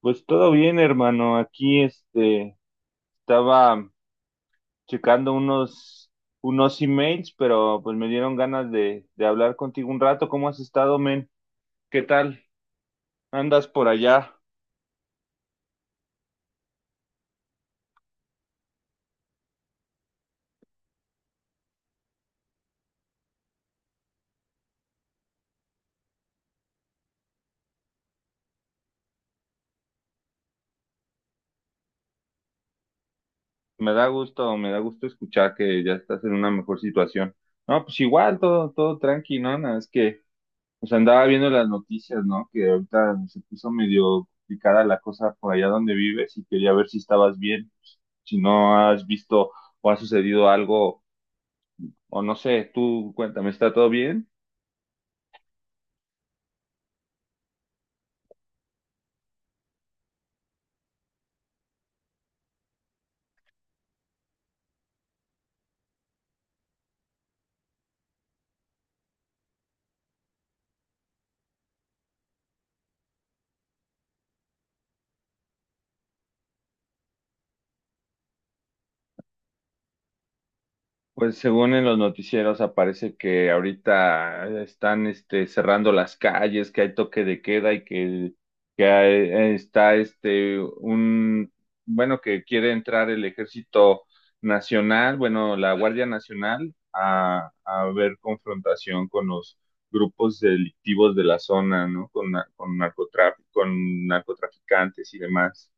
Pues todo bien, hermano. Aquí este estaba checando unos emails, pero pues me dieron ganas de hablar contigo un rato. ¿Cómo has estado, men? ¿Qué tal? ¿Andas por allá? Me da gusto escuchar que ya estás en una mejor situación. No, pues igual, todo, todo tranqui, ¿no? Nada, es que pues andaba viendo las noticias, ¿no? Que ahorita se puso medio complicada la cosa por allá donde vives y quería ver si estabas bien, si no has visto o ha sucedido algo o no sé, tú cuéntame, ¿está todo bien? Pues según en los noticieros aparece que ahorita están este, cerrando las calles, que hay toque de queda está este un, bueno, que quiere entrar el Ejército Nacional, bueno, la Guardia Nacional a ver confrontación con los grupos delictivos de la zona, ¿no? Con con narcotraficantes y demás.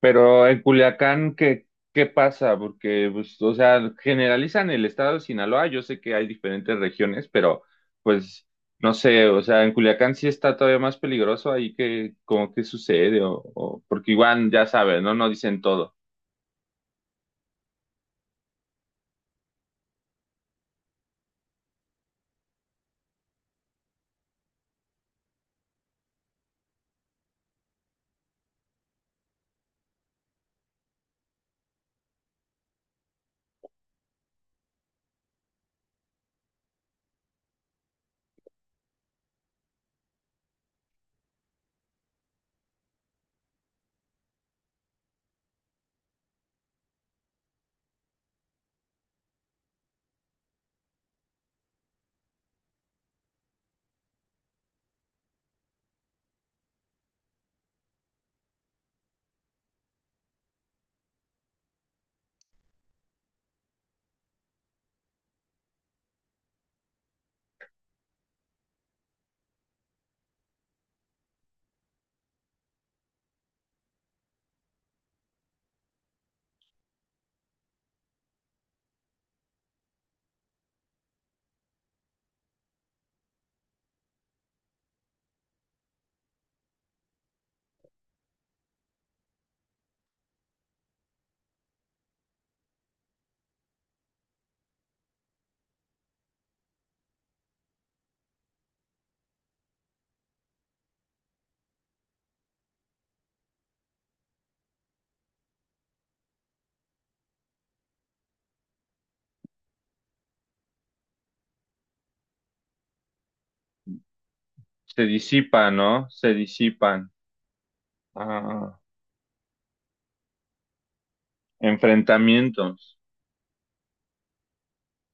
Pero en Culiacán, ¿qué pasa? Porque, pues, o sea, generalizan el estado de Sinaloa. Yo sé que hay diferentes regiones, pero, pues, no sé, o sea, en Culiacán sí está todavía más peligroso ahí que, como que sucede, porque igual, ya sabes, ¿no? No dicen todo. Se disipan, ¿no? Se disipan. Ah, enfrentamientos.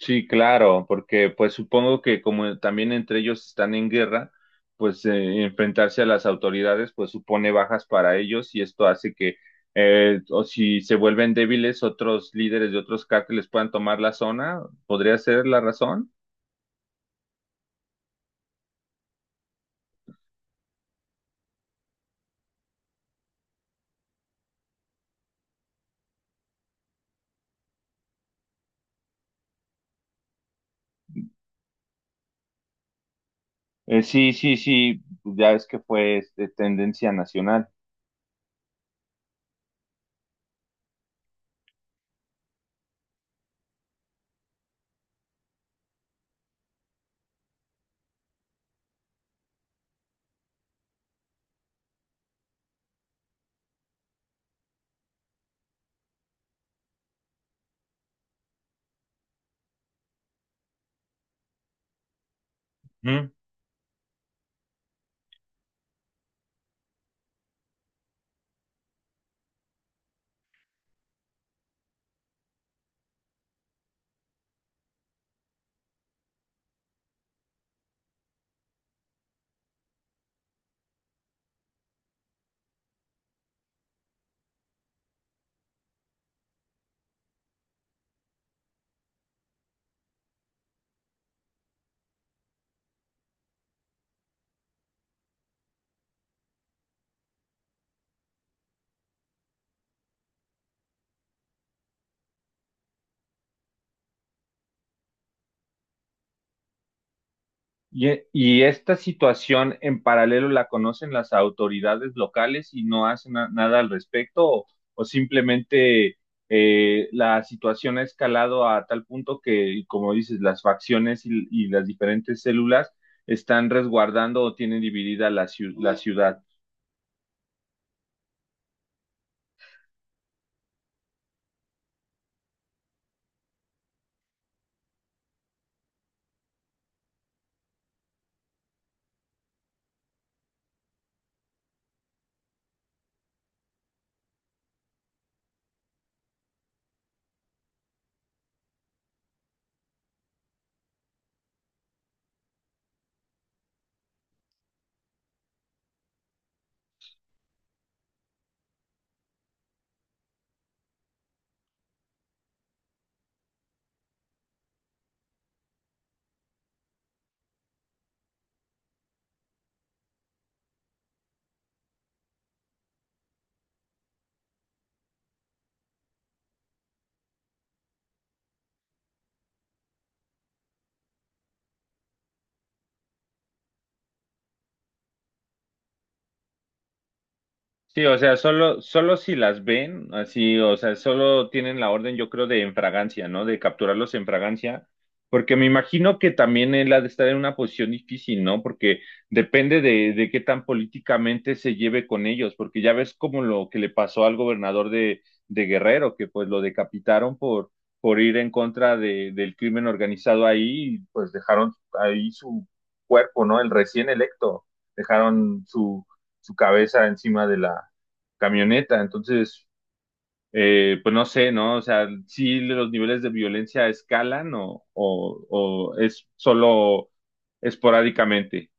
Sí, claro, porque pues supongo que como también entre ellos están en guerra, pues enfrentarse a las autoridades pues supone bajas para ellos y esto hace que o si se vuelven débiles otros líderes de otros cárteles puedan tomar la zona, ¿podría ser la razón? Sí, sí, sí, ya es que fue este, tendencia nacional. Y, y esta situación en paralelo la conocen las autoridades locales y no hacen nada al respecto o simplemente la situación ha escalado a tal punto que, como dices, las facciones y las diferentes células están resguardando o tienen dividida la ciudad. Sí, o sea, solo, solo si las ven, así, o sea, solo tienen la orden, yo creo, de en fragancia, ¿no? De capturarlos en fragancia, porque me imagino que también él ha de estar en una posición difícil, ¿no? Porque depende de qué tan políticamente se lleve con ellos, porque ya ves como lo que le pasó al gobernador de Guerrero, que pues lo decapitaron por ir en contra de, del crimen organizado ahí, y pues dejaron ahí su cuerpo, ¿no? El recién electo, dejaron su cabeza encima de la camioneta. Entonces, pues no sé, ¿no? O sea, si los niveles de violencia escalan o es solo esporádicamente.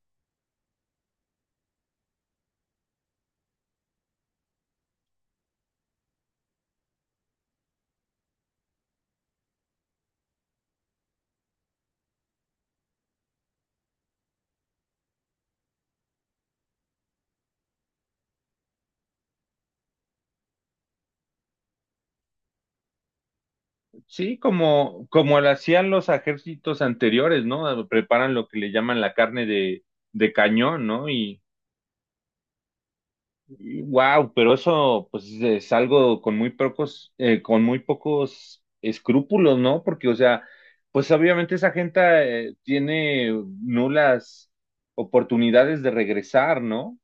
Sí, como, como lo hacían los ejércitos anteriores, ¿no? Preparan lo que le llaman la carne de cañón, ¿no? Y wow, pero eso pues es algo con muy pocos escrúpulos, ¿no? Porque, o sea, pues obviamente esa gente tiene nulas oportunidades de regresar, ¿no?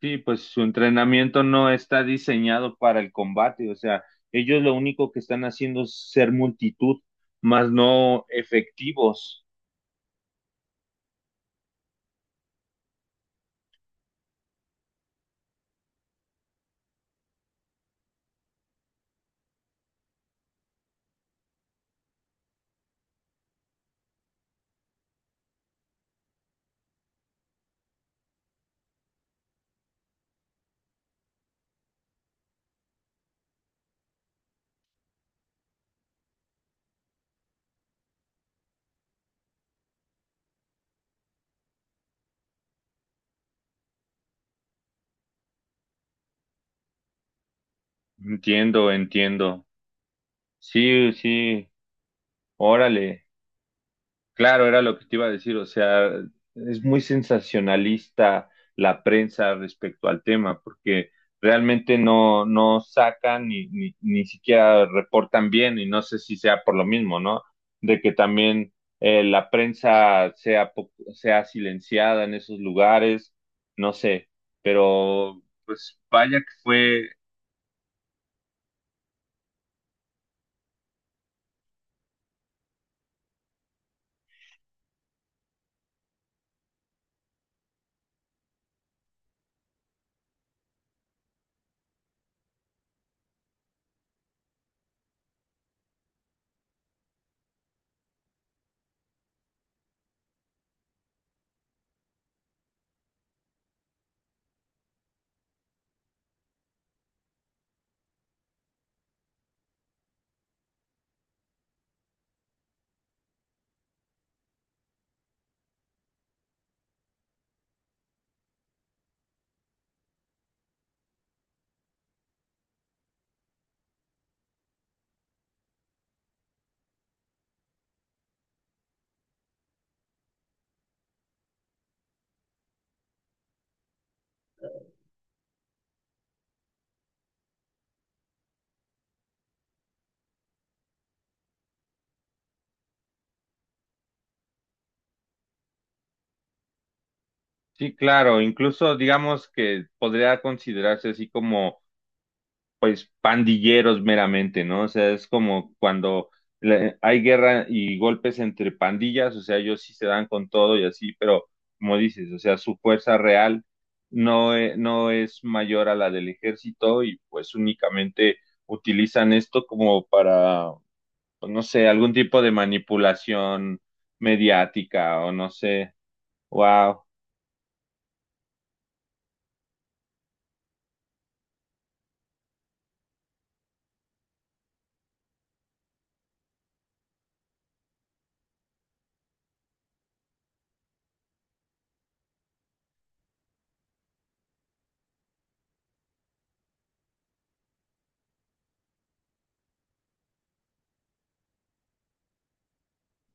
Sí, pues su entrenamiento no está diseñado para el combate, o sea, ellos lo único que están haciendo es ser multitud, más no efectivos. Entiendo, entiendo. Sí, sí, órale. Claro, era lo que te iba a decir, o sea, es muy sensacionalista la prensa respecto al tema, porque realmente no, no sacan ni siquiera reportan bien, y no sé si sea por lo mismo, ¿no? De que también la prensa sea, sea silenciada en esos lugares, no sé, pero pues vaya que fue, sí, claro, incluso digamos que podría considerarse así como pues pandilleros meramente, ¿no? O sea, es como cuando hay guerra y golpes entre pandillas, o sea, ellos sí se dan con todo y así, pero como dices, o sea, su fuerza real no, no es mayor a la del ejército y pues únicamente utilizan esto como para, pues, no sé, algún tipo de manipulación mediática o no sé, wow.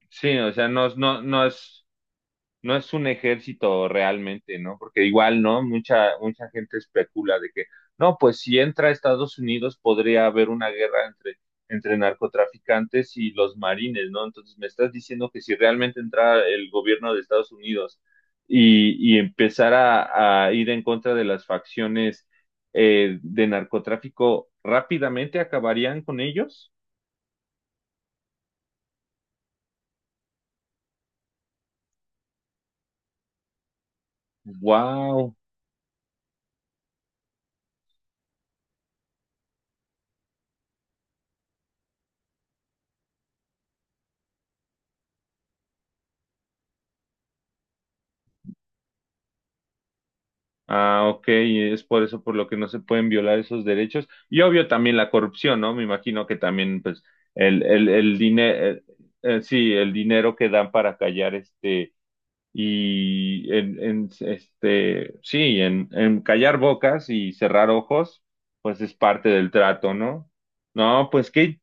Sí, o sea, no, no, no es. No es un ejército realmente, ¿no? Porque igual, ¿no? Mucha, mucha gente especula de que, no, pues si entra a Estados Unidos podría haber una guerra entre, entre narcotraficantes y los marines, ¿no? Entonces me estás diciendo que si realmente entra el gobierno de Estados Unidos y empezara a ir en contra de las facciones de narcotráfico, rápidamente acabarían con ellos. ¡Wow! Ah, ok, y es por eso por lo que no se pueden violar esos derechos. Y obvio también la corrupción, ¿no? Me imagino que también, pues, el dinero, sí, el dinero que dan para callar este, y en, este, sí, en callar bocas y cerrar ojos, pues es parte del trato, ¿no? No, pues qué.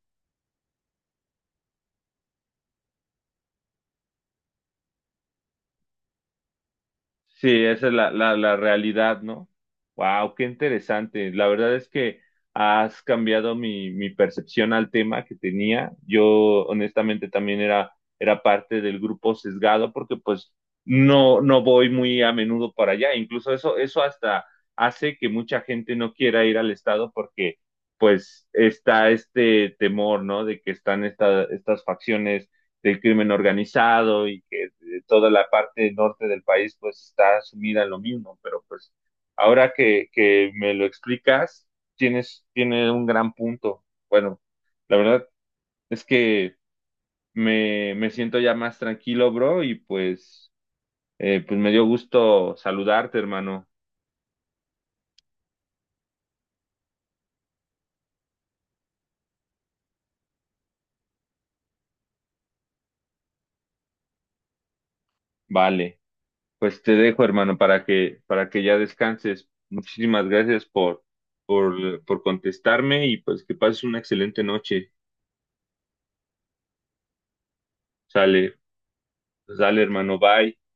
Sí, esa es la, la, la realidad, ¿no? Wow, qué interesante. La verdad es que has cambiado mi, mi percepción al tema que tenía. Yo honestamente también era, era parte del grupo sesgado porque pues no, no voy muy a menudo para allá. Incluso eso, eso hasta hace que mucha gente no quiera ir al estado porque pues está este temor, ¿no? De que están estas facciones del crimen organizado y que toda la parte norte del país pues está sumida en lo mismo, pero pues ahora que me lo explicas, tienes, tiene un gran punto. Bueno, la verdad es que me siento ya más tranquilo, bro, y pues, pues me dio gusto saludarte, hermano. Vale, pues te dejo, hermano, para que ya descanses. Muchísimas gracias por contestarme y pues que pases una excelente noche. Sale, sale, hermano, bye.